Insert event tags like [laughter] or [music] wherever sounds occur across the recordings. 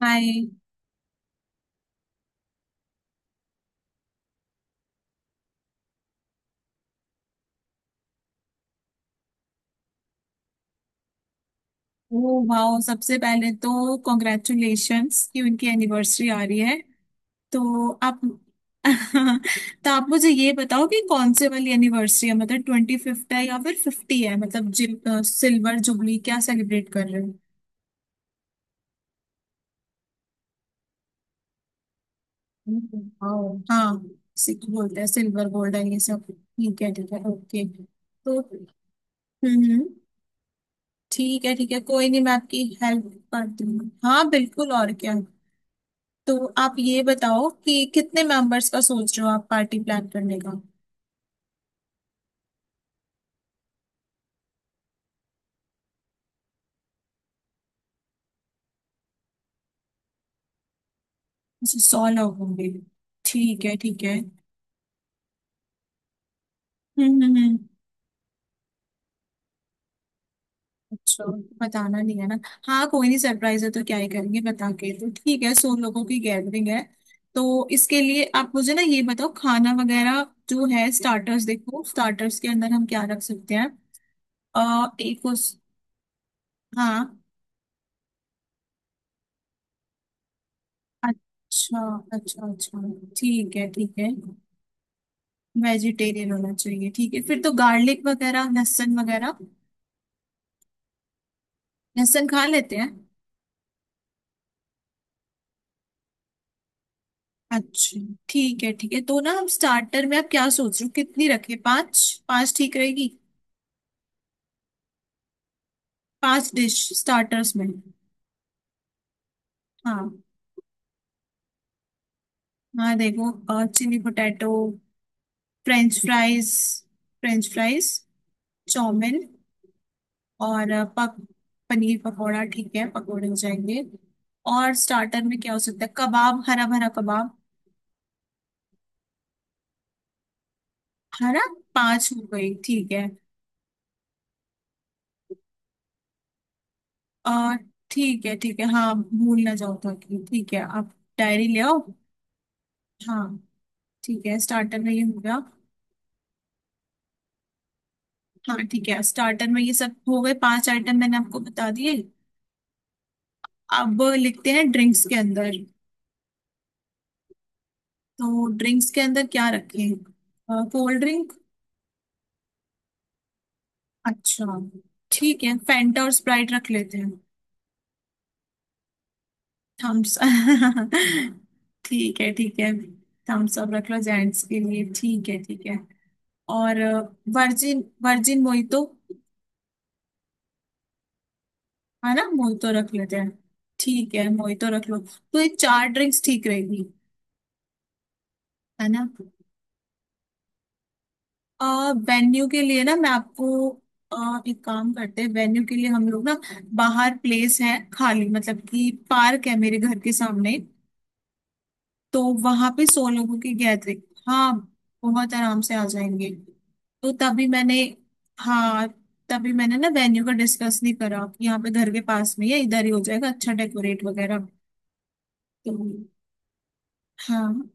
हाय। Oh wow, सबसे पहले तो कॉन्ग्रेचुलेशंस कि उनकी एनिवर्सरी आ रही है। तो आप [laughs] तो आप मुझे ये बताओ कि कौन से वाली एनिवर्सरी है, मतलब 25th है या फिर 50 है, मतलब सिल्वर जुबली क्या सेलिब्रेट कर रहे हो। वाओ हाँ, सिख बोलते हैं सिल्वर गोल्ड है, ये सब ठीक है ठीक है, ओके। तो हम्म हम्म, ठीक है ठीक है, कोई नहीं, मैं आपकी हेल्प करती हूँ। हाँ बिल्कुल, और क्या। तो आप ये बताओ कि कितने मेंबर्स का सोच रहे हो आप पार्टी प्लान करने का। अच्छा, 100 लोग होंगे। ठीक है ठीक है। हम्म हम्म हम्म। अच्छा, बताना नहीं है ना। हाँ कोई नहीं, सरप्राइज है तो क्या ही करेंगे बता के, तो ठीक है, 100 लोगों की गैदरिंग है। तो इसके लिए आप मुझे ना ये बताओ, खाना वगैरह जो है, स्टार्टर्स देखो, स्टार्टर्स के अंदर हम क्या रख सकते हैं। अ एक उस। हाँ। अच्छा। अच्छा अच्छा। ठीक है ठीक है। वेजिटेरियन होना चाहिए, ठीक है, फिर तो गार्लिक वगैरह, लहसुन वगैरह, लहसुन खा लेते हैं। अच्छा, ठीक है ठीक है, तो ना हम स्टार्टर में आप क्या सोच रहे हो, कितनी रखें, पाँच? पाँच ठीक रहेगी? 5 डिश स्टार्टर्स में। हाँ हाँ, देखो, chilli potato, French fries, French fries, chow mein, और अ, पक पनीर पकौड़ा, ठीक है, पकौड़े हो जाएंगे, और स्टार्टर में क्या हो सकता है, कबाब, हरा भरा कबाब। हरा पांच हो गई, ठीक है। आ, ठीक है ठीक है, हाँ भूल ना जाओ ताकि, ठीक है, आप डायरी ले आओ। हाँ, ठीक है, स्टार्टर में ये हो गया। हाँ ठीक है, स्टार्टर में ये सब हो गए, 5 आइटम मैंने आपको बता दिए। अब लिखते हैं ड्रिंक्स के अंदर। तो ड्रिंक्स के अंदर क्या रखें, कोल्ड ड्रिंक। अच्छा, ठीक है, फैंटा और स्प्राइट रख लेते हैं। थम्स [laughs] ठीक है ठीक है, थम्स अप रख लो जेंट्स के लिए, ठीक है ठीक है। और वर्जिन वर्जिन मोहितो, है ना, मोहितो रख लेते हैं। ठीक है, मोहितो रख लो। तो ये 4 ड्रिंक्स ठीक रहेगी, है ना। आ, वेन्यू के लिए ना मैं आपको अ, एक काम करते हैं, वेन्यू के लिए हम लोग ना, बाहर प्लेस है खाली, मतलब कि पार्क है मेरे घर के सामने, तो वहां पे 100 लोगों की गैदरिंग। हाँ, बहुत आराम से आ जाएंगे। तो तभी मैंने हाँ, तभी मैंने ना वेन्यू का डिस्कस नहीं करा, यहाँ पे घर के पास में या इधर ही हो जाएगा। अच्छा डेकोरेट वगैरह, तो हाँ।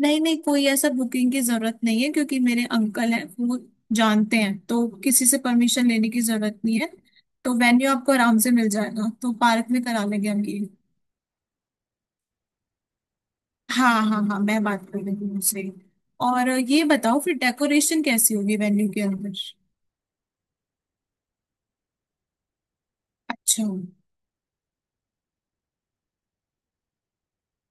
नहीं नहीं, कोई ऐसा बुकिंग की जरूरत नहीं है, क्योंकि मेरे अंकल हैं, वो जानते हैं, तो किसी से परमिशन लेने की जरूरत नहीं है, तो वेन्यू आपको आराम से मिल जाएगा, तो पार्क में करा लेंगे हम ये। हाँ हाँ हाँ, मैं बात कर रही हूँ उनसे। और ये बताओ फिर डेकोरेशन कैसी होगी वेन्यू के अंदर। अच्छा,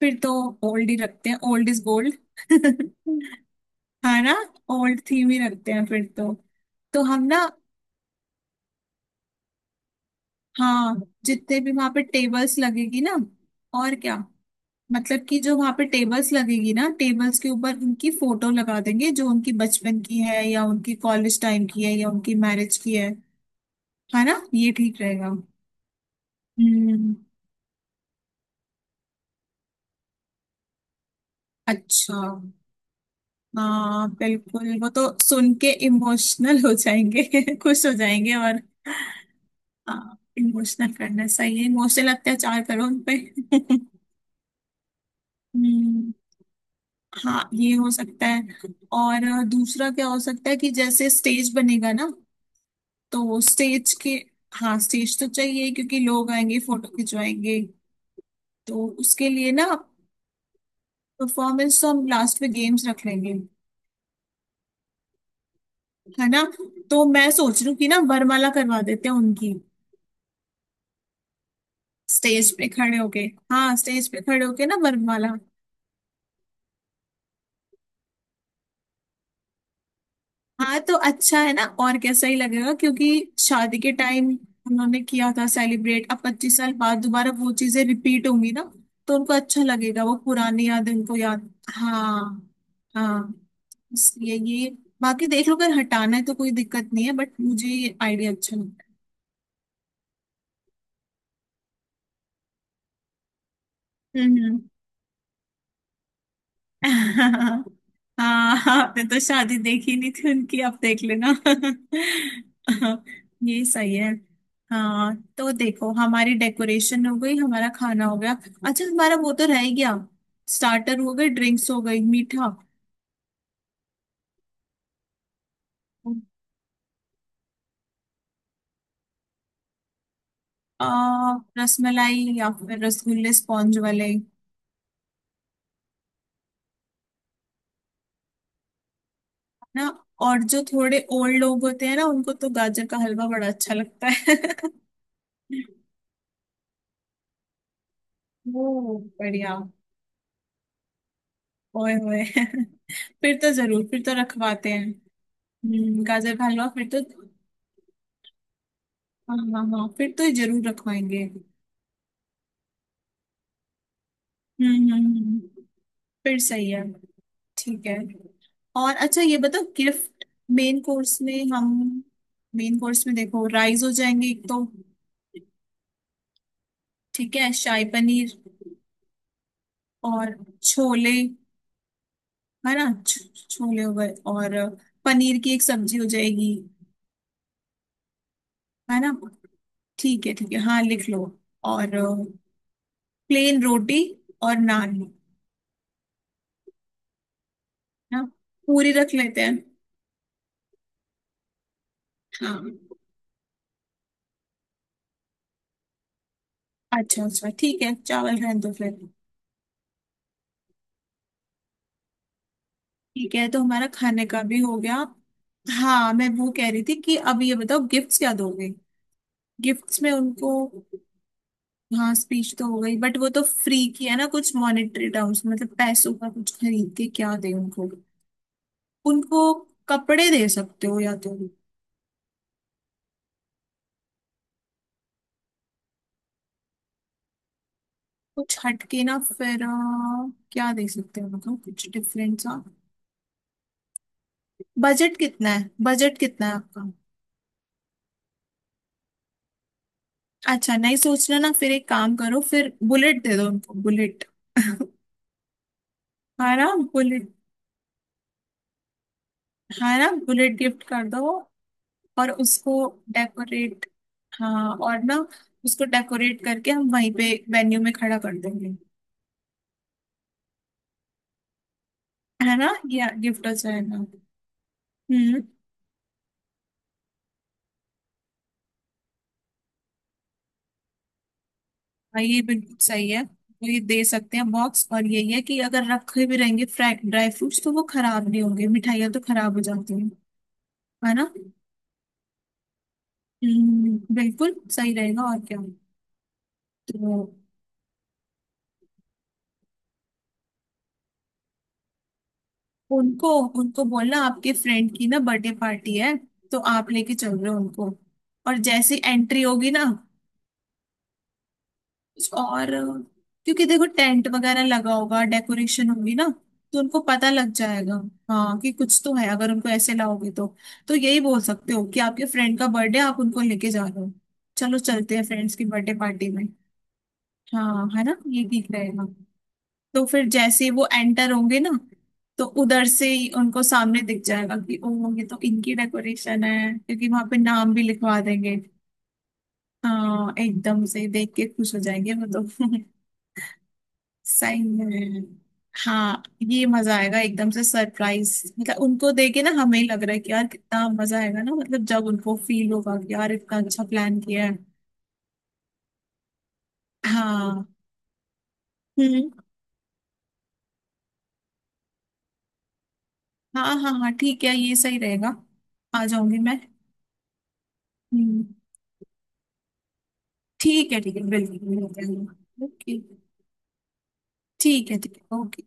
फिर तो ओल्ड ही रखते हैं, ओल्ड इज गोल्ड। [laughs] है ना, ओल्ड थीम ही रखते हैं फिर तो। तो हम ना, हाँ, जितने भी वहां पे टेबल्स लगेगी ना, और क्या, मतलब कि जो वहां पे टेबल्स लगेगी ना, टेबल्स के ऊपर उनकी फोटो लगा देंगे, जो उनकी बचपन की है या उनकी कॉलेज टाइम की है या उनकी मैरिज की है ना, ये ठीक रहेगा। हम्म। अच्छा, हाँ बिल्कुल, वो तो सुन के इमोशनल हो जाएंगे। [laughs] खुश हो जाएंगे और हाँ, इमोशनल करना सही है, इमोशनल अत्याचार करो उन पे। [laughs] हम्म। हाँ ये हो सकता है, और दूसरा क्या हो सकता है, कि जैसे स्टेज बनेगा ना, तो स्टेज के हाँ स्टेज तो चाहिए, क्योंकि लोग आएंगे फोटो खिंचवाएंगे, तो उसके लिए ना, परफॉर्मेंस तो हम लास्ट में, गेम्स रख लेंगे, है ना, तो मैं सोच रही हूँ कि ना वरमाला करवा देते हैं उनकी, स्टेज पे खड़े होके। हाँ, स्टेज पे खड़े होके ना वरमाला। हाँ तो अच्छा है ना, और कैसा ही लगेगा, क्योंकि शादी के टाइम उन्होंने किया था सेलिब्रेट, अब 25 साल बाद दोबारा वो चीजें रिपीट होंगी ना, तो उनको अच्छा लगेगा, वो पुरानी यादें उनको याद। हाँ, हाँ। इसलिए ये, बाकी देख लो, अगर हटाना है तो कोई दिक्कत नहीं है, बट मुझे ये आइडिया अच्छा लगता है। हम्म। है [laughs] हाँ आपने तो शादी देखी नहीं थी उनकी, आप देख लेना। [laughs] ये सही है। हाँ, तो देखो, हमारी डेकोरेशन हो गई, हमारा खाना हो गया। अच्छा, हमारा वो तो रह ही गया, स्टार्टर हो गए, ड्रिंक्स हो गई, मीठा। हम्म। आ, रसमलाई या फिर रसगुल्ले, स्पॉन्ज वाले ना। और जो थोड़े ओल्ड लोग होते हैं ना, उनको तो गाजर का हलवा बड़ा अच्छा लगता है। [laughs] ओ बढ़िया। ओए होए [laughs] फिर तो जरूर, फिर तो रखवाते हैं। गाजर का हलवा फिर तो। हाँ हाँ हाँ, फिर तो जरूर रखवाएंगे। हम्म हम्म, हम्म, फिर सही है। ठीक है। और अच्छा ये बताओ, गिफ्ट। मेन कोर्स में हम मेन कोर्स में देखो, राइस हो जाएंगे एक तो, ठीक है, शाही पनीर, और छोले, है ना, छोले हो गए, और पनीर की एक सब्जी हो जाएगी, है ना। ठीक है ठीक है, हाँ लिख लो। और प्लेन रोटी और नान, है ना, पूरी रख लेते हैं। हाँ, अच्छा अच्छा, ठीक है, चावल रहने दो फिर। ठीक है, तो हमारा खाने का भी हो गया। हाँ, मैं वो कह रही थी कि अब ये बताओ गिफ्ट्स क्या दोगे, गिफ्ट्स में उनको। हाँ स्पीच तो हो गई, बट वो तो फ्री की है ना, कुछ मॉनेटरी टर्म्स, मतलब पैसों का कुछ खरीद के क्या दे उनको। उनको कपड़े दे सकते हो या तो। कुछ हटके ना फिर, क्या दे सकते हो, मतलब कुछ डिफरेंट सा। बजट कितना है, बजट कितना है आपका। अच्छा, नहीं सोचना ना, फिर एक काम करो, फिर बुलेट दे दो उनको, बुलेट। [laughs] हाँ ना बुलेट हाँ ना, बुलेट गिफ्ट [laughs] कर दो। और उसको डेकोरेट, हाँ और ना, उसको डेकोरेट करके हम वहीं पे वेन्यू में खड़ा कर देंगे, है ना, या गिफ्ट हो जाएगा। हम्म। हाँ, ये बिल्कुल सही है, तो ये दे सकते हैं बॉक्स, और यही है कि अगर रखे भी रहेंगे फ्राई ड्राई फ्रूट्स तो वो खराब नहीं होंगे, मिठाइयाँ तो खराब हो जाती हैं, है ना। बिल्कुल सही रहेगा, और क्या। तो उनको, उनको बोलना आपके फ्रेंड की ना बर्थडे पार्टी है, तो आप लेके चल रहे हो उनको, और जैसी एंट्री होगी ना, और क्योंकि देखो टेंट वगैरह लगा होगा, डेकोरेशन होगी ना, तो उनको पता लग जाएगा, हाँ, कि कुछ तो है अगर उनको ऐसे लाओगे तो। तो यही बोल सकते हो कि आपके फ्रेंड का बर्थडे, आप उनको लेके जा रहे हो, चलो चलते हैं फ्रेंड्स की बर्थडे पार्टी में। हाँ है ना, ये ठीक रहेगा। तो फिर जैसे ही वो एंटर होंगे ना, तो उधर से ही उनको सामने दिख जाएगा कि ओ ये तो इनकी डेकोरेशन है, क्योंकि वहां पे नाम भी लिखवा देंगे। हाँ एकदम से देख के खुश हो जाएंगे वो तो। [laughs] सही में। हाँ, ये मजा आएगा, एकदम से सरप्राइज, मतलब उनको देख के ना हमें ही लग रहा है कि यार कितना मजा आएगा ना, मतलब जब उनको फील होगा कि यार इतना अच्छा प्लान किया है। हाँ। हम्म। हाँ हाँ हाँ, ठीक है, ये सही रहेगा, आ जाऊंगी मैं। हम्म, ठीक है ठीक है, बिल्कुल बिल्कुल। ओके। ठीक है ठीक है, ओके।